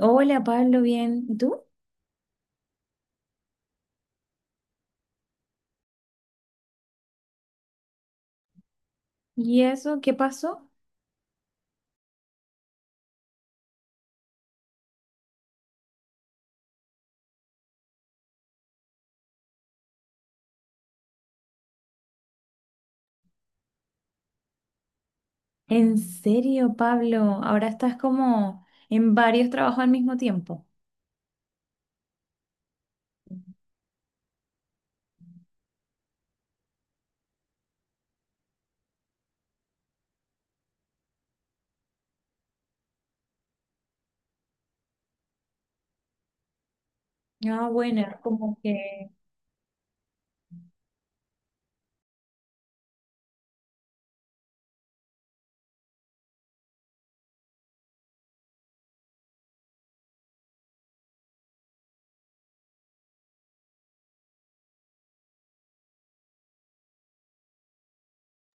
Hola Pablo, bien. ¿Y tú? ¿Y eso qué pasó? ¿En serio, Pablo? Ahora estás como en varios trabajos al mismo tiempo. Ah, bueno, como que...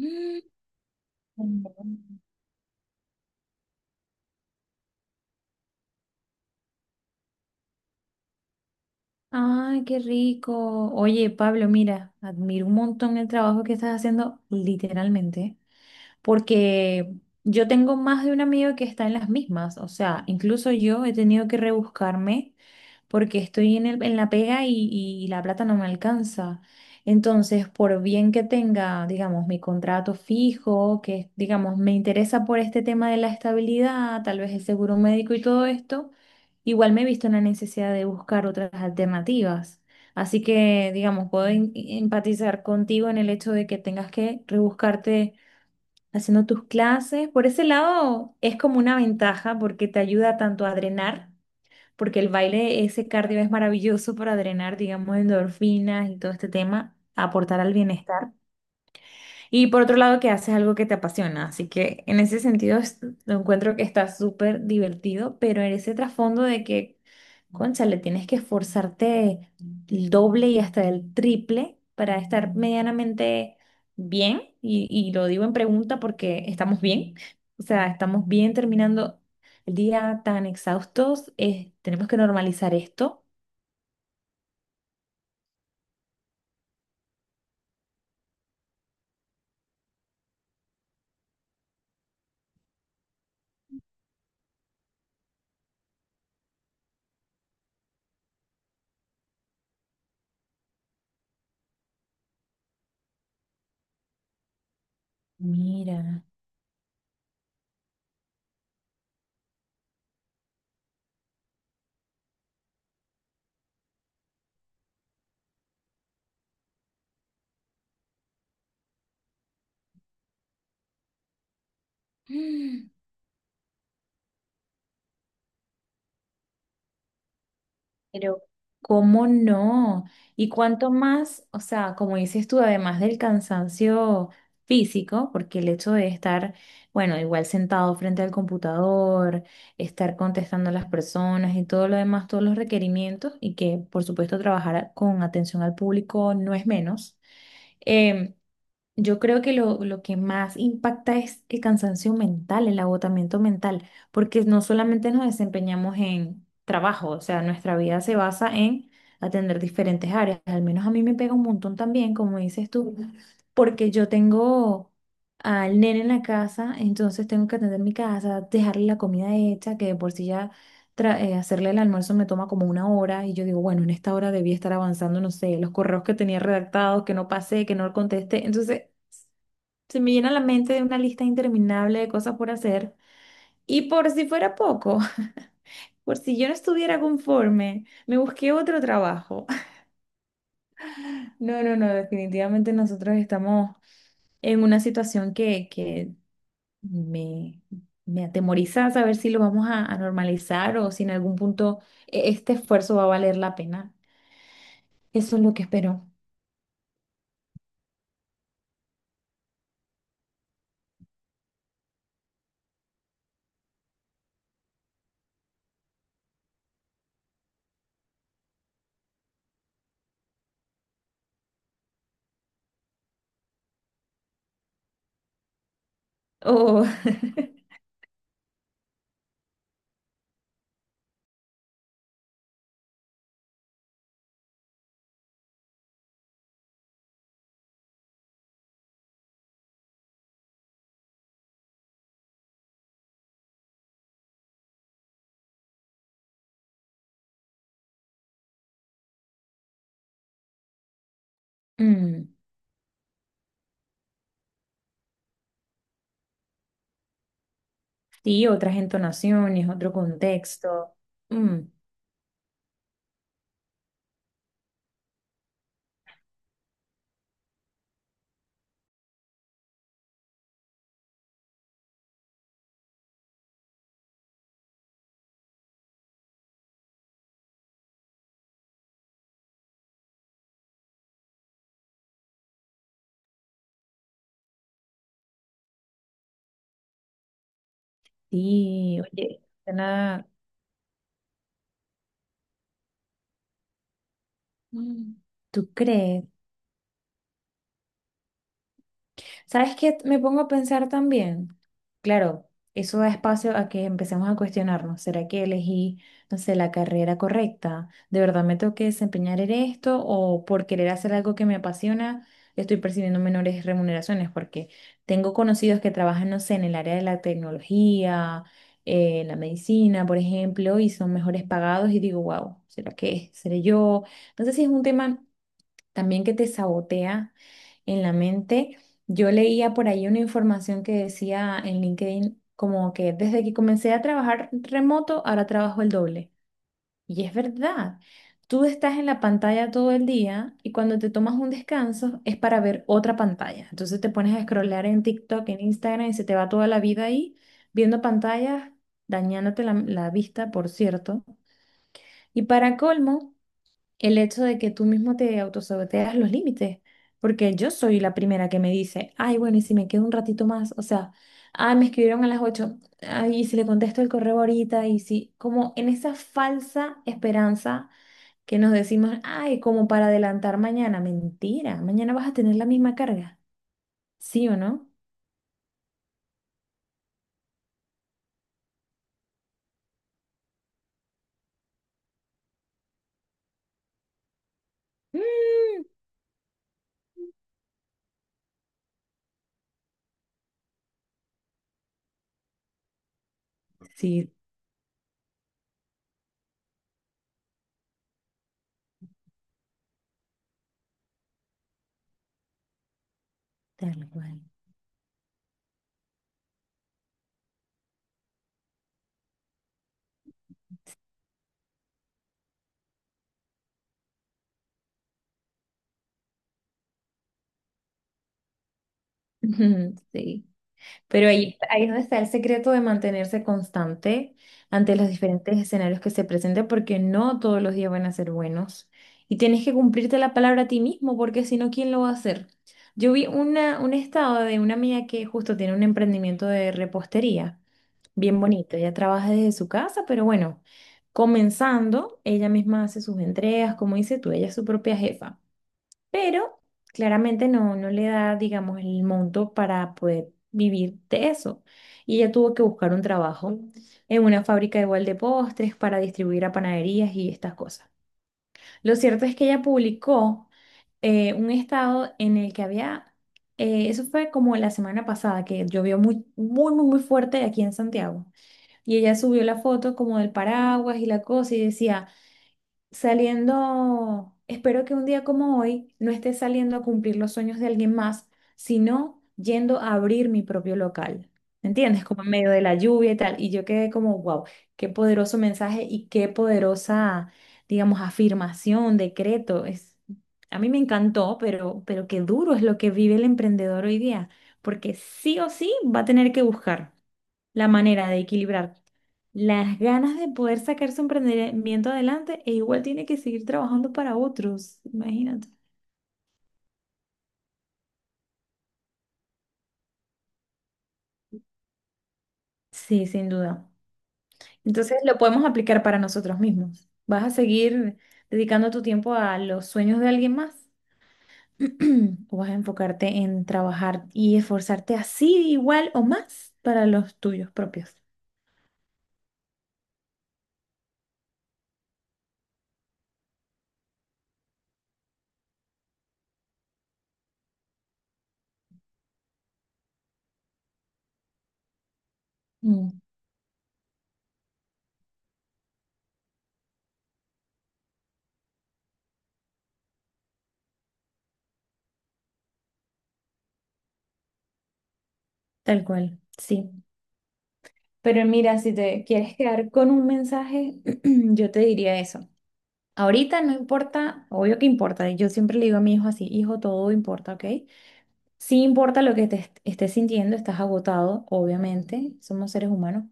Mm. Ay, qué rico. Oye, Pablo, mira, admiro un montón el trabajo que estás haciendo, literalmente, porque yo tengo más de un amigo que está en las mismas. O sea, incluso yo he tenido que rebuscarme porque estoy en la pega y la plata no me alcanza. Entonces, por bien que tenga, digamos, mi contrato fijo, que, digamos, me interesa por este tema de la estabilidad, tal vez el seguro médico y todo esto, igual me he visto en la necesidad de buscar otras alternativas. Así que, digamos, puedo empatizar contigo en el hecho de que tengas que rebuscarte haciendo tus clases. Por ese lado, es como una ventaja porque te ayuda tanto a drenar porque el baile, ese cardio es maravilloso para drenar, digamos, endorfinas y todo este tema, aportar al bienestar. Y por otro lado, que haces algo que te apasiona. Así que en ese sentido. Lo encuentro que está súper divertido, pero en ese trasfondo de que, cónchale, tienes que esforzarte el doble y hasta el triple para estar medianamente bien. Y lo digo en pregunta porque estamos bien. O sea, estamos bien terminando el día tan exhaustos. Tenemos que normalizar esto. Mira. Pero, ¿cómo no? Y cuánto más, o sea, como dices tú, además del cansancio físico, porque el hecho de estar, bueno, igual sentado frente al computador, estar contestando a las personas y todo lo demás, todos los requerimientos, y que por supuesto trabajar con atención al público no es menos. em, yo creo que lo que más impacta es el cansancio mental, el agotamiento mental, porque no solamente nos desempeñamos en trabajo, o sea, nuestra vida se basa en atender diferentes áreas. Al menos a mí me pega un montón también, como dices tú, porque yo tengo al nene en la casa, entonces tengo que atender mi casa, dejarle la comida hecha, que de por sí ya hacerle el almuerzo me toma como una hora y yo digo, bueno, en esta hora debía estar avanzando, no sé, los correos que tenía redactados, que no pasé, que no contesté. Entonces, se me llena la mente de una lista interminable de cosas por hacer. Y por si fuera poco, por si yo no estuviera conforme, me busqué otro trabajo. No, no, no, definitivamente nosotros estamos en una situación que me, me atemoriza saber si lo vamos a normalizar o si en algún punto este esfuerzo va a valer la pena. Eso es lo que espero. Oh, mm, sí, otras entonaciones, otro contexto. Mm, sí, oye. Suena. Mm. ¿Tú crees? ¿Sabes qué? Me pongo a pensar también. Claro, eso da espacio a que empecemos a cuestionarnos. ¿Será que elegí, no sé, la carrera correcta? ¿De verdad me tengo que desempeñar en esto? ¿O por querer hacer algo que me apasiona, estoy percibiendo menores remuneraciones? Porque tengo conocidos que trabajan, no sé, en el área de la tecnología, en la medicina, por ejemplo, y son mejores pagados y digo, wow, ¿será que seré yo? No sé si es un tema también que te sabotea en la mente. Yo leía por ahí una información que decía en LinkedIn como que desde que comencé a trabajar remoto, ahora trabajo el doble. Y es verdad, tú estás en la pantalla todo el día y cuando te tomas un descanso es para ver otra pantalla. Entonces te pones a scrollear en TikTok, en Instagram y se te va toda la vida ahí viendo pantallas, dañándote la vista, por cierto. Y para colmo, el hecho de que tú mismo te autosaboteas los límites, porque yo soy la primera que me dice, ay, bueno, y si me quedo un ratito más, o sea, ay, me escribieron a las 8 ay, y si le contesto el correo ahorita, y si, como en esa falsa esperanza que nos decimos, ay, como para adelantar mañana, mentira, mañana vas a tener la misma carga, ¿sí o no? Mm, sí, tal cual. Sí. Pero ahí, ahí es donde está el secreto de mantenerse constante ante los diferentes escenarios que se presenten, porque no todos los días van a ser buenos. Y tienes que cumplirte la palabra a ti mismo, porque si no, ¿quién lo va a hacer? Yo vi una, un estado de una amiga que justo tiene un emprendimiento de repostería, bien bonito. Ella trabaja desde su casa, pero bueno, comenzando, ella misma hace sus entregas, como dices tú, ella es su propia jefa, pero claramente no le da, digamos, el monto para poder vivir de eso. Y ella tuvo que buscar un trabajo en una fábrica igual de postres para distribuir a panaderías y estas cosas. Lo cierto es que ella publicó un estado en el que eso fue como la semana pasada, que llovió muy, muy, muy, muy fuerte aquí en Santiago. Y ella subió la foto como del paraguas y la cosa y decía saliendo, espero que un día como hoy no esté saliendo a cumplir los sueños de alguien más, sino yendo a abrir mi propio local. ¿Me entiendes? Como en medio de la lluvia y tal. Y yo quedé como, wow, qué poderoso mensaje y qué poderosa, digamos, afirmación, decreto. Es, a mí me encantó, pero qué duro es lo que vive el emprendedor hoy día, porque sí o sí va a tener que buscar la manera de equilibrar las ganas de poder sacar su emprendimiento adelante e igual tiene que seguir trabajando para otros, imagínate. Sí, sin duda. Entonces lo podemos aplicar para nosotros mismos. ¿Vas a seguir dedicando tu tiempo a los sueños de alguien más? ¿O vas a enfocarte en trabajar y esforzarte así igual o más para los tuyos propios? Mm, tal cual, sí. Pero mira, si te quieres quedar con un mensaje, yo te diría eso. Ahorita no importa, obvio que importa, yo siempre le digo a mi hijo así, hijo, todo importa, ¿ok? Sí importa lo que te estés sintiendo, estás agotado, obviamente, somos seres humanos,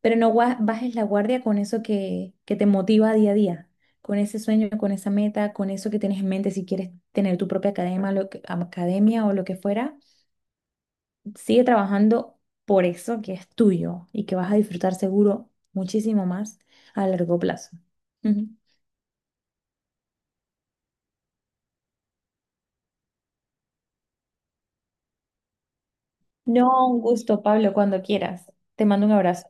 pero no bajes la guardia con eso que te motiva día a día, con ese sueño, con esa meta, con eso que tienes en mente, si quieres tener tu propia academia, academia o lo que fuera, sigue trabajando por eso que es tuyo y que vas a disfrutar seguro muchísimo más a largo plazo. Ujú. No, un gusto, Pablo, cuando quieras. Te mando un abrazo.